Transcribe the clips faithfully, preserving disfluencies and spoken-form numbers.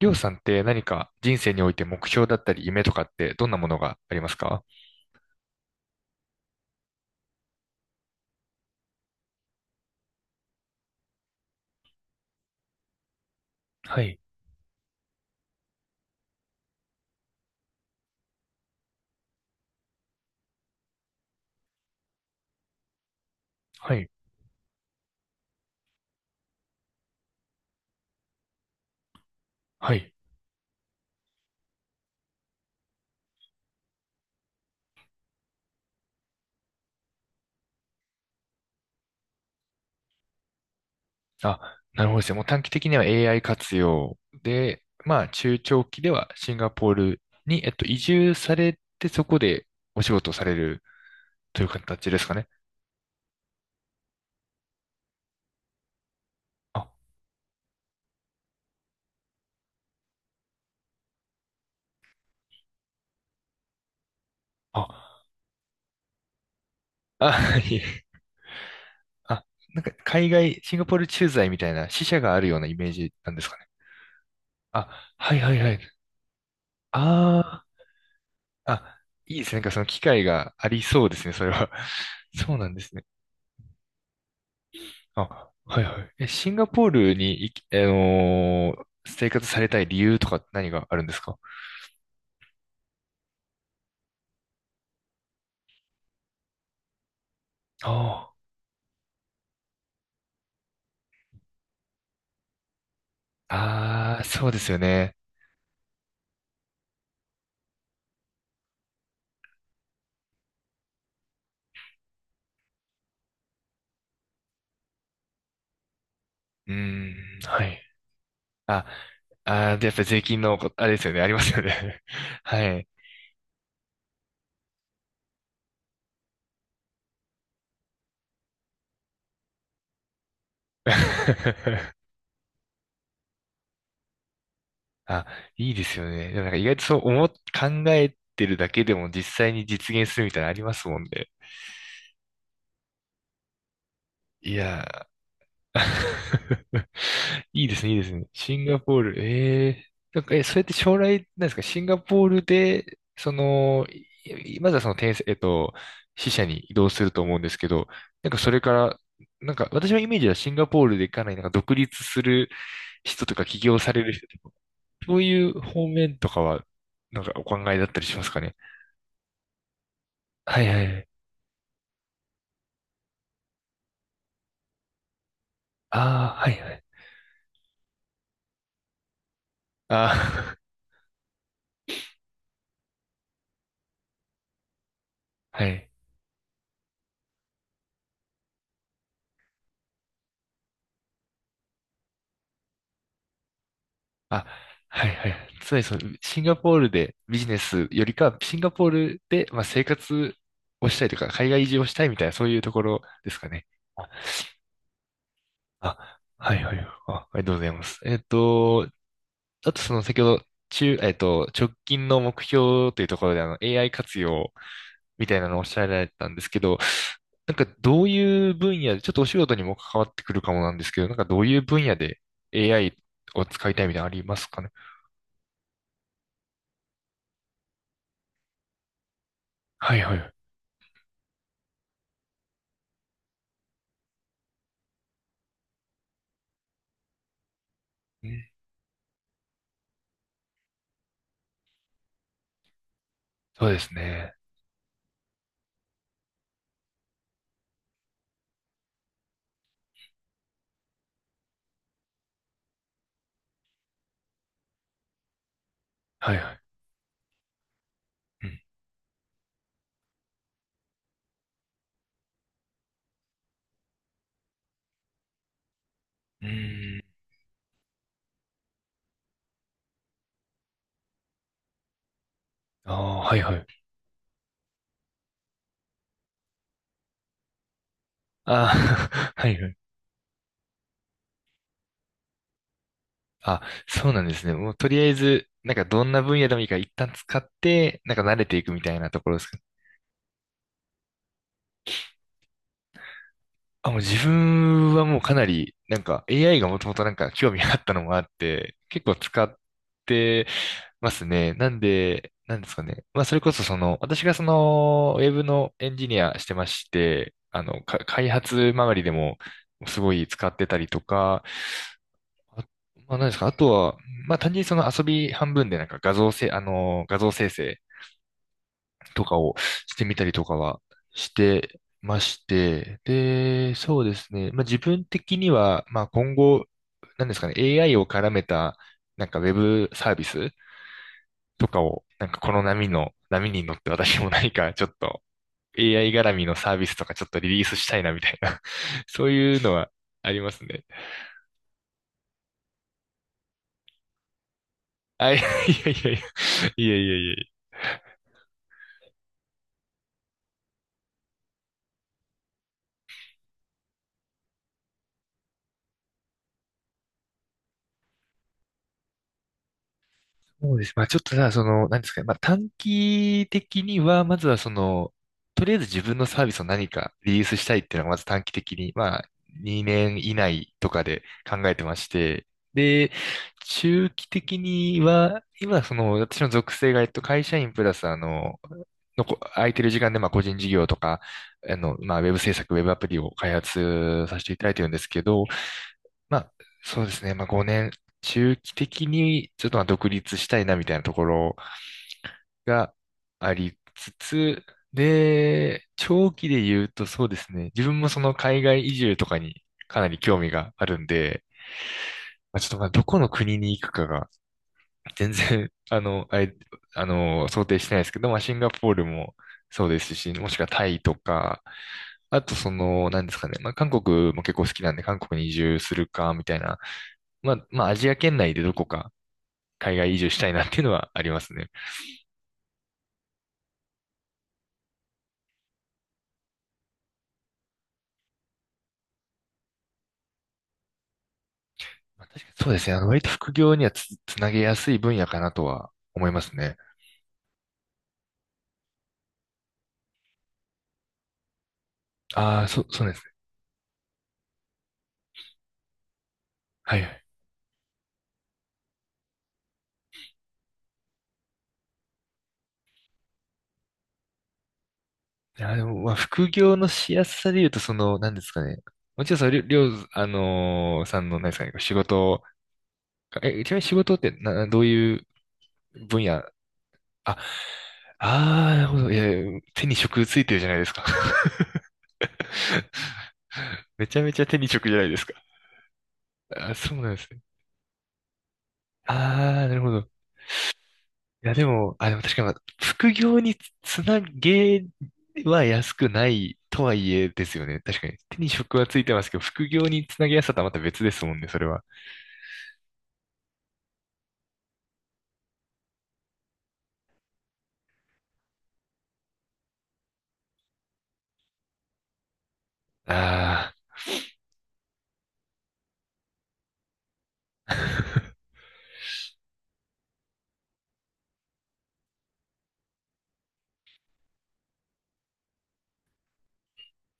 りょうさんって何か人生において目標だったり夢とかってどんなものがありますか？はい、はい、はい。あ、なるほどですね。もう短期的には エーアイ 活用で、まあ中長期ではシンガポールに、えっと、移住されてそこでお仕事をされるという形ですかね。あ、あ、あ、いえ。あ、なんか海外、シンガポール駐在みたいな支社があるようなイメージなんですかね。あ、はいはいはい。ああ、いいですね。なんかその機会がありそうですね、それは。そうなんですね。あ、はいはい。え、シンガポールに行き、あのー生活されたい理由とか何があるんですか？ああ、あーそうですよね。うーん、はい。あ、あー、で、やっぱり税金のこ、あれですよね、ありますよね。はい。あ、いいですよね。でもなんか意外とそう思っ、考えてるだけでも実際に実現するみたいなのありますもんね。いや いいですね、いいですね。シンガポール、ええなんか、え、それって将来、なんですか、シンガポールで、その、いいまずはその転生、えっと、支社に移動すると思うんですけど、なんかそれから、なんか私のイメージはシンガポールでかなりなんか独立する人とか起業される人とか、そういう方面とかは、なんかお考えだったりしますかね。はいはいはい。ああ、はいはい。ああ、はい。あ、はいはい。つまりその、シンガポールでビジネスよりかは、シンガポールで、まあ、生活をしたいとか、海外移住をしたいみたいな、そういうところですかね。あ、はいはい。あ、ありがとうございます。えっと、あとその先ほど、中、えっと、直近の目標というところで、あの、エーアイ 活用みたいなのをおっしゃられたんですけど、なんかどういう分野で、ちょっとお仕事にも関わってくるかもなんですけど、なんかどういう分野で エーアイ を使いたいみたいなのありますかね？はいはい。うーそうですね。はいはい。うん。うーん。ああ、はいはい。ああ、はいはい。あ、そうなんですね。もうとりあえず、なんかどんな分野でもいいから一旦使って、なんか慣れていくみたいなところですか？あ、もう自分はもうかなり、なんか エーアイ がもともとなんか興味があったのもあって、結構使ってますね。なんで、なんですかね。まあそれこそその、私がその、ウェブのエンジニアしてまして、あの、か開発周りでもすごい使ってたりとか、あまあ、何ですか。あとは、まあ、単純にその遊び半分でなんか画像せ、あの、画像生成とかをしてみたりとかはしてまして、で、そうですね。まあ、自分的には、まあ、今後、何ですかね、エーアイ を絡めた、なんかウェブサービスとかを、なんかこの波の、波に乗って私も何か ちょっと エーアイ 絡みのサービスとかちょっとリリースしたいなみたいな、そういうのはありますね。あ、いやいやいやいや、いやいやいやいやそうです。まあちょっとさ、その、なんですかね。まあ短期的には、まずはその、とりあえず自分のサービスを何かリリースしたいっていうのが、まず短期的に、まあにねん以内とかで考えてまして、で、中期的には、今その、私の属性が、えっと、会社員プラス、あの、のこ、空いてる時間で、まあ個人事業とか、あの、まあウェブ制作、ウェブアプリを開発させていただいてるんですけど、まあ、そうですね。まあ、ごねん、中期的にちょっとまあ独立したいなみたいなところがありつつ、で、長期で言うとそうですね。自分もその海外移住とかにかなり興味があるんで、まあ、ちょっとまあどこの国に行くかが全然、あの、あれ、あの、想定してないですけど、まあ、シンガポールもそうですし、もしくはタイとか、あとその、なんですかね、まあ、韓国も結構好きなんで、韓国に移住するか、みたいな、まあ、まあ、アジア圏内でどこか海外移住したいなっていうのはありますね。まあ、確かにそうですね、あの、割と副業にはつ、つなげやすい分野かなとは思いますね。ああ、そ、そうですね。はいはい。いや、でも、まあ、副業のしやすさで言うと、その、なんですかね、もちろんそれ、りょう、あのーさんの、何ですかね、仕事え、ちなみに仕事ってな、どういう分野？あ、あー、なるほど。いや、手に職ついてるじゃないですか。めちゃめちゃ手に職じゃないですか。あ、そうなんですね。あー、なるほど。いや、でも、あ、でも確かに、まあ副業につなげは安くないとはいえですよね。確かに。手に職はついてますけど、副業につなげやすさとはまた別ですもんね、それは。あー。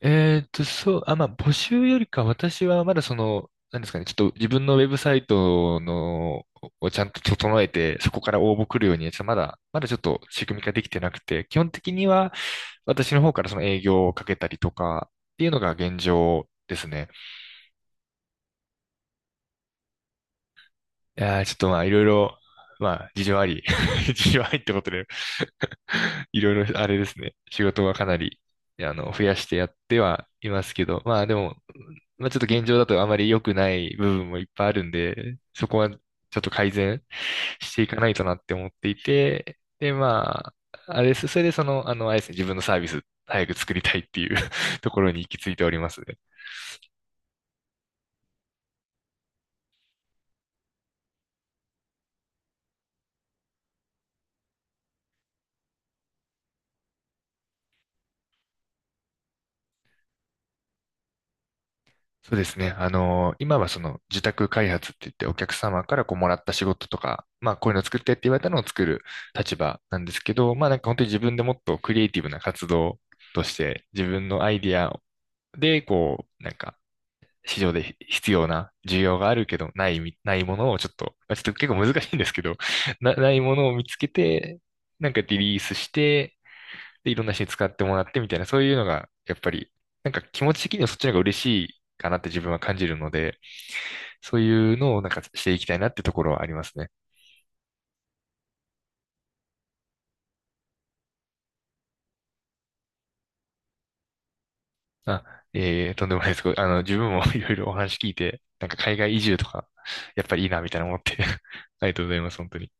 えっと、そう、あ、まあ、募集よりか、私はまだその、なんですかね、ちょっと自分のウェブサイトの、をちゃんと整えて、そこから応募来るように、ちょっとまだ、まだちょっと仕組みができてなくて、基本的には私の方からその営業をかけたりとか、っていうのが現状ですね。いやーちょっとまあ、いろいろ、まあ、事情あり、事情ありってことで、いろいろ、あれですね。仕事はかなり、あの、増やしてやってはいますけど、まあでも、まあちょっと現状だとあまり良くない部分もいっぱいあるんで、そこはちょっと改善していかないとなって思っていて、で、まあ、あれです。それでその、あの、あれですね、自分のサービス早く作りたいっていう ところに行き着いておりますね。そうですね。あの、今はその自宅開発って言ってお客様からこうもらった仕事とか、まあこういうの作ってって言われたのを作る立場なんですけど、まあなんか本当に自分でもっとクリエイティブな活動として自分のアイディアでこうなんか市場で必要な需要があるけどないみ、ないものをちょっと、まあ、ちょっと結構難しいんですけど、な、ないものを見つけて、なんかリリースして、で、いろんな人に使ってもらってみたいな、そういうのが、やっぱり、なんか気持ち的にはそっちの方が嬉しいかなって自分は感じるので、そういうのをなんかしていきたいなってところはありますね。あ、ええとんでもないです。あの、自分も いろいろお話聞いて、なんか海外移住とか、やっぱりいいなみたいな思って ありがとうございます、本当に。